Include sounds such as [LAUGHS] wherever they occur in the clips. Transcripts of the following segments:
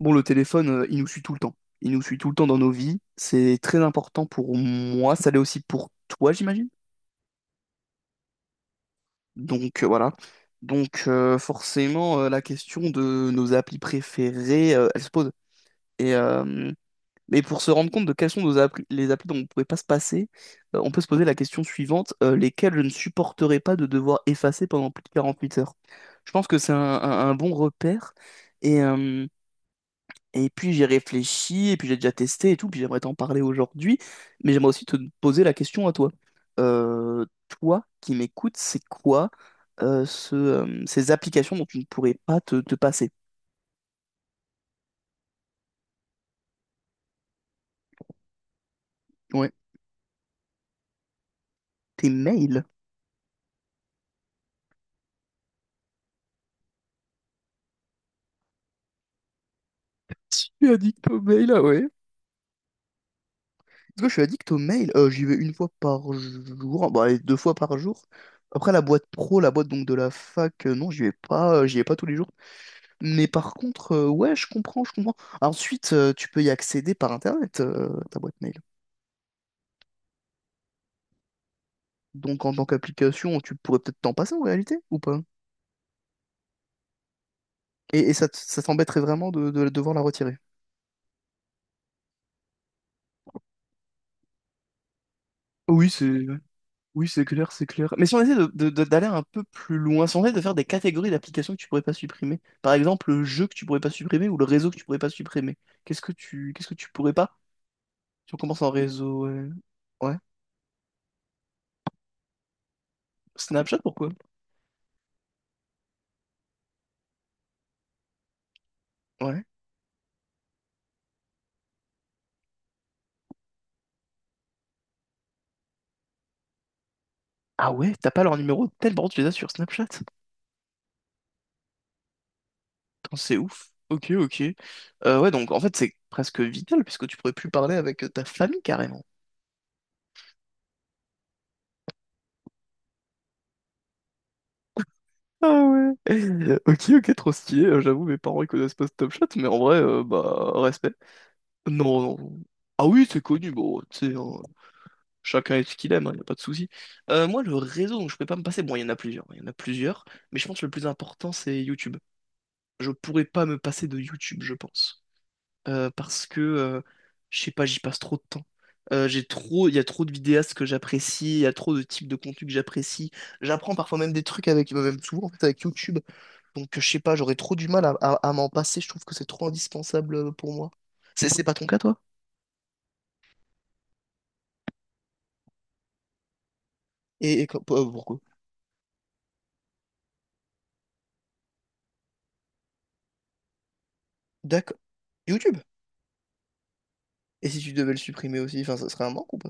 Bon, le téléphone, il nous suit tout le temps. Il nous suit tout le temps dans nos vies. C'est très important pour moi. Ça l'est aussi pour toi, j'imagine. Donc voilà. Donc forcément, la question de nos applis préférées, elle se pose. Et, euh, mais pour se rendre compte de quelles sont nos applis, les applis dont on ne pouvait pas se passer, on peut se poser la question suivante, lesquelles je ne supporterais pas de devoir effacer pendant plus de 48 heures. Je pense que c'est un bon repère. Et, euh, Et puis j'ai réfléchi, et puis j'ai déjà testé et tout, puis j'aimerais t'en parler aujourd'hui, mais j'aimerais aussi te poser la question à toi. Euh, Toi qui m'écoutes, c'est quoi ces applications dont tu ne pourrais pas te passer? Ouais. Tes mails. Je suis addict aux mails, ah ouais. Parce que je suis addict aux mails, j'y vais une fois par jour, bah, allez, deux fois par jour. Après la boîte pro, la boîte donc de la fac, non, j'y vais pas, j'y vais pas tous les jours. Mais par contre, ouais, je comprends, je comprends. Ensuite, tu peux y accéder par Internet, ta boîte mail. Donc en tant qu'application, tu pourrais peut-être t'en passer en réalité, ou pas? Et ça, ça t'embêterait vraiment de, devoir la retirer. Oui, c'est oui, c'est clair, c'est clair. Mais si on essaie de, d'aller un peu plus loin, si on essaie de faire des catégories d'applications que tu pourrais pas supprimer, par exemple le jeu que tu pourrais pas supprimer ou le réseau que tu pourrais pas supprimer, qu'est-ce que tu pourrais pas? Si on commence en réseau, ouais. Snapchat, pourquoi? Ouais. Ah ouais, t'as pas leur numéro, tellement tu les as sur Snapchat. Putain, c'est ouf. Ok, ok. Ouais, donc en fait, c'est presque vital puisque tu pourrais plus parler avec ta famille carrément. Ah ouais. [LAUGHS] Ok, ok, trop stylé. J'avoue, mes parents ils connaissent pas ce Top Shot, mais en vrai, bah, respect. Non, non. Ah oui, c'est connu. Bon, tu sais, hein, chacun est ce qu'il aime, hein, y a pas de souci. Moi, le réseau dont je peux pas me passer, bon, il y en a plusieurs. Il y en a plusieurs, mais je pense que le plus important, c'est YouTube. Je pourrais pas me passer de YouTube, je pense. Parce que Je sais pas, j'y passe trop de temps. Il y a trop de vidéastes que j'apprécie, il y a trop de types de contenu que j'apprécie. J'apprends parfois même des trucs avec, bah, même souvent en fait avec YouTube. Donc je sais pas, j'aurais trop du mal à, m'en passer. Je trouve que c'est trop indispensable pour moi. C'est pas ton cas toi? Et, pourquoi? D'accord. YouTube. Et si tu devais le supprimer aussi, enfin, ça serait un manque ou pas?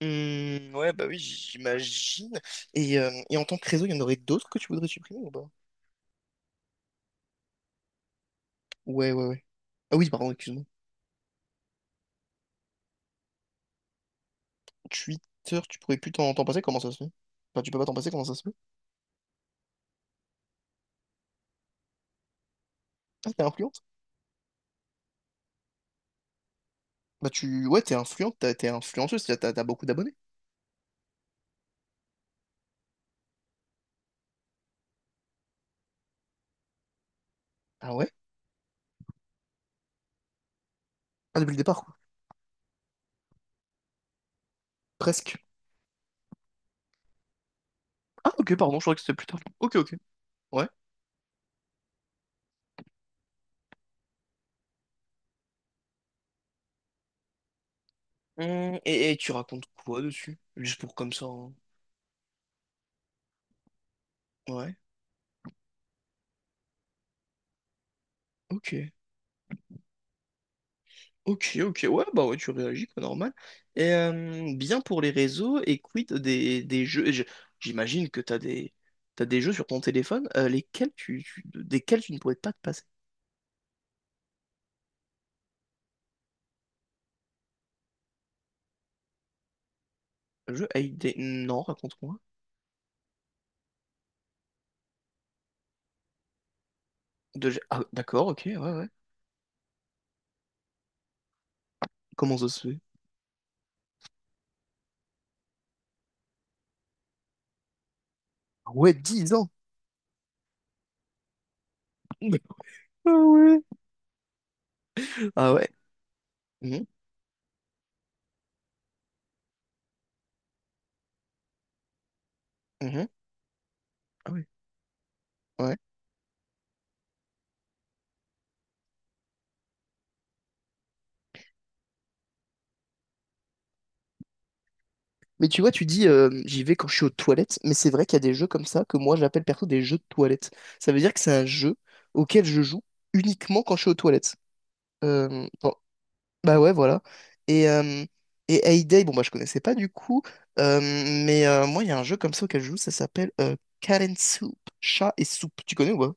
Hmm, ouais, bah oui, j'imagine. Et en tant que réseau, il y en aurait d'autres que tu voudrais supprimer ou pas? Ouais, ouais, ouais. Ah oui, pardon, excuse-moi. Twitter, tu pourrais plus t'en passer, comment ça se fait? Enfin, tu peux pas t'en passer, comment ça se fait? Ah, t'es influente? Bah, tu. Ouais, t'es influente, t'es influenceuse, t'as beaucoup d'abonnés. Ah ouais? Ah, depuis le départ, quoi. Presque. Ah, ok, pardon, je croyais que c'était plus tard. Ok, ok. Ouais. Et, tu racontes quoi dessus? Juste pour comme ça, hein. Ouais. Ok. Ok, ok. Ouais, bah ouais, tu réagis, quoi, normal. Et bien pour les réseaux, et quid des jeux. J'imagine que t'as des. T'as des jeux sur ton téléphone, lesquels tu, desquels tu ne pourrais pas te passer. Le jeu Hay Day. Non, raconte-moi. Ah, d'accord, ok, ouais, ouais. Comment ça se fait? Ah ouais, 10 ans! [LAUGHS] Ah ouais! Ah ouais. Mhm, mhm, Ah ouais. Ouais. Mais tu vois, tu dis j'y vais quand je suis aux toilettes, mais c'est vrai qu'il y a des jeux comme ça que moi j'appelle perso des jeux de toilettes. Ça veut dire que c'est un jeu auquel je joue uniquement quand je suis aux toilettes. Bon, bah ouais, voilà. Et, euh, et Hay Day, bon bah je connaissais pas du coup, mais moi il y a un jeu comme ça auquel je joue, ça s'appelle Cat and Soup, chat et soupe. Tu connais ou pas?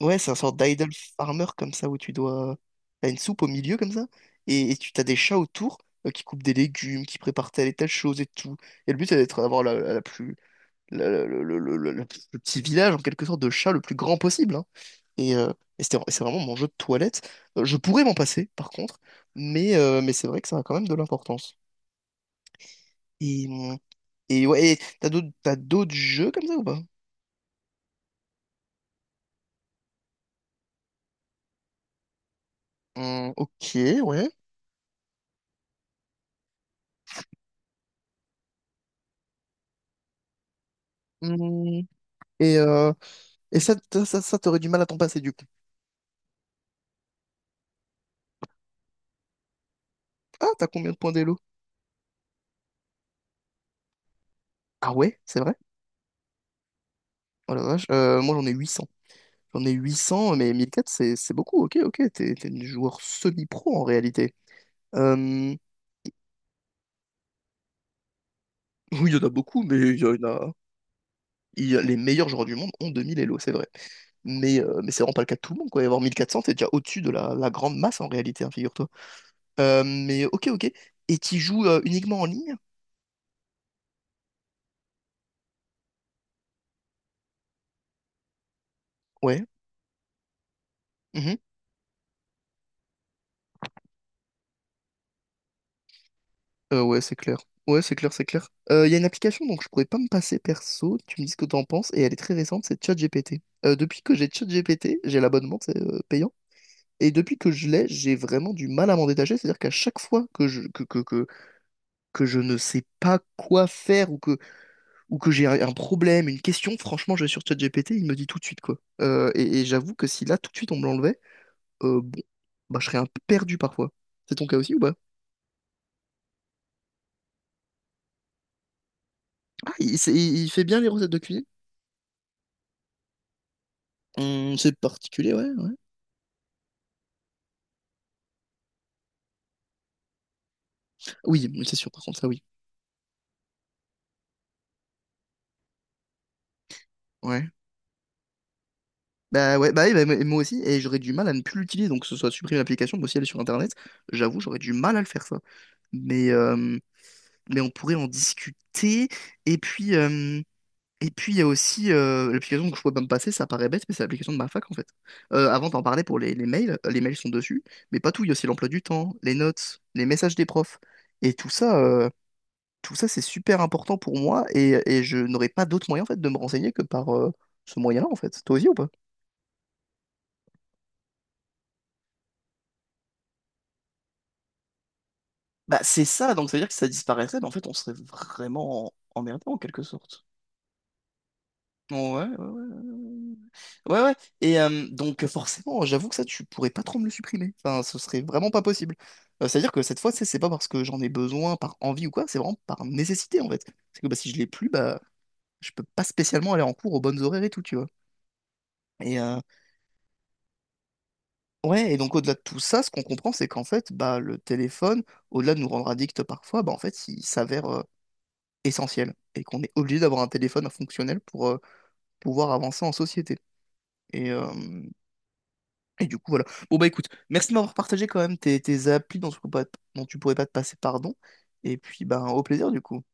Ouais, c'est un sort d'idle farmer comme ça où tu dois. T'as une soupe au milieu comme ça, et tu t'as des chats autour qui coupent des légumes, qui préparent telle et telle chose et tout. Et le but c'est d'être d'avoir la, la plus la- la- le petit village en quelque sorte de chats le plus grand possible, hein. Et, euh, c'est vraiment mon jeu de toilette. Je pourrais m'en passer par contre, mais c'est vrai que ça a quand même de l'importance. Et, hum, et ouais, t'as d'autres jeux comme ça ou pas? Ok, ouais. Hum, Et ça, t'aurais du mal à t'en passer du coup. Ah, t'as combien de points d'élo? Ah ouais, c'est vrai? Oh la vache, moi j'en ai 800. J'en ai 800, mais 1400, c'est beaucoup, ok, ok, t'es une joueur semi-pro en réalité. Euh, oui, il y en a beaucoup, mais il y en a... Les meilleurs joueurs du monde ont 2000 élo, c'est vrai. Mais c'est vraiment pas le cas de tout le monde, quoi. Et avoir 1400, t'es déjà au-dessus de la grande masse en réalité, hein, figure-toi. Mais ok, ok. Et tu joues uniquement en ligne? Ouais. Ouais, c'est clair. Ouais, c'est clair, c'est clair. Il y a une application dont je pourrais pas me passer perso, tu me dis ce que t'en penses, et elle est très récente, c'est ChatGPT. Depuis que j'ai ChatGPT, j'ai l'abonnement, c'est payant, et depuis que je l'ai, j'ai vraiment du mal à m'en détacher, c'est-à-dire qu'à chaque fois que je ne sais pas quoi faire, ou que j'ai un problème, une question, franchement, je vais sur ChatGPT, il me dit tout de suite, quoi. Et j'avoue que si là, tout de suite, on me l'enlevait, bon, bah, je serais un peu perdu parfois. C'est ton cas aussi ou pas? Ah, il, c'est- il fait bien les recettes de cuisine. C'est particulier, ouais, ouais. Oui, oui, c'est sûr, par contre, ça, oui. Ouais. Bah ouais, bah, oui, bah, moi aussi, et j'aurais du mal à ne plus l'utiliser, donc que ce soit supprimer l'application, mais aussi aller sur Internet, j'avoue, j'aurais du mal à le faire, ça. Mais, euh, mais on pourrait en discuter, et puis... euh, Et puis il y a aussi l'application que je pourrais pas me passer, ça paraît bête, mais c'est l'application de ma fac en fait. Avant d'en parler pour les mails, les mails sont dessus, mais pas tout, il y a aussi l'emploi du temps, les notes, les messages des profs, et tout ça, tout ça, c'est super important pour moi et je n'aurais pas d'autre moyen en fait de me renseigner que par ce moyen-là en fait. Toi aussi ou pas? Bah c'est ça, donc ça veut dire que si ça disparaissait, bah, en fait on serait vraiment emmerdé en quelque sorte. Ouais, ouais, ouais. Ouais, ouais, ouais. Donc forcément, j'avoue que ça, tu pourrais pas trop me le supprimer. Enfin, ce serait vraiment pas possible. C'est-à-dire que cette fois, tu sais, c'est pas parce que j'en ai besoin, par envie ou quoi, c'est vraiment par nécessité en fait. C'est que bah, si je l'ai plus, bah je peux pas spécialement aller en cours aux bonnes horaires et tout, tu vois. Et, euh, Ouais, et donc au-delà de tout ça, ce qu'on comprend, c'est qu'en fait, bah, le téléphone, au-delà de nous rendre addicts parfois, bah, en fait, il s'avère essentiel et qu'on est obligé d'avoir un téléphone fonctionnel pour pouvoir avancer en société. Et, euh, et du coup, voilà. Bon, bah écoute, merci de m'avoir partagé quand même tes applis dont tu pourrais pas te passer, pardon. Et puis, bah, au plaisir du coup.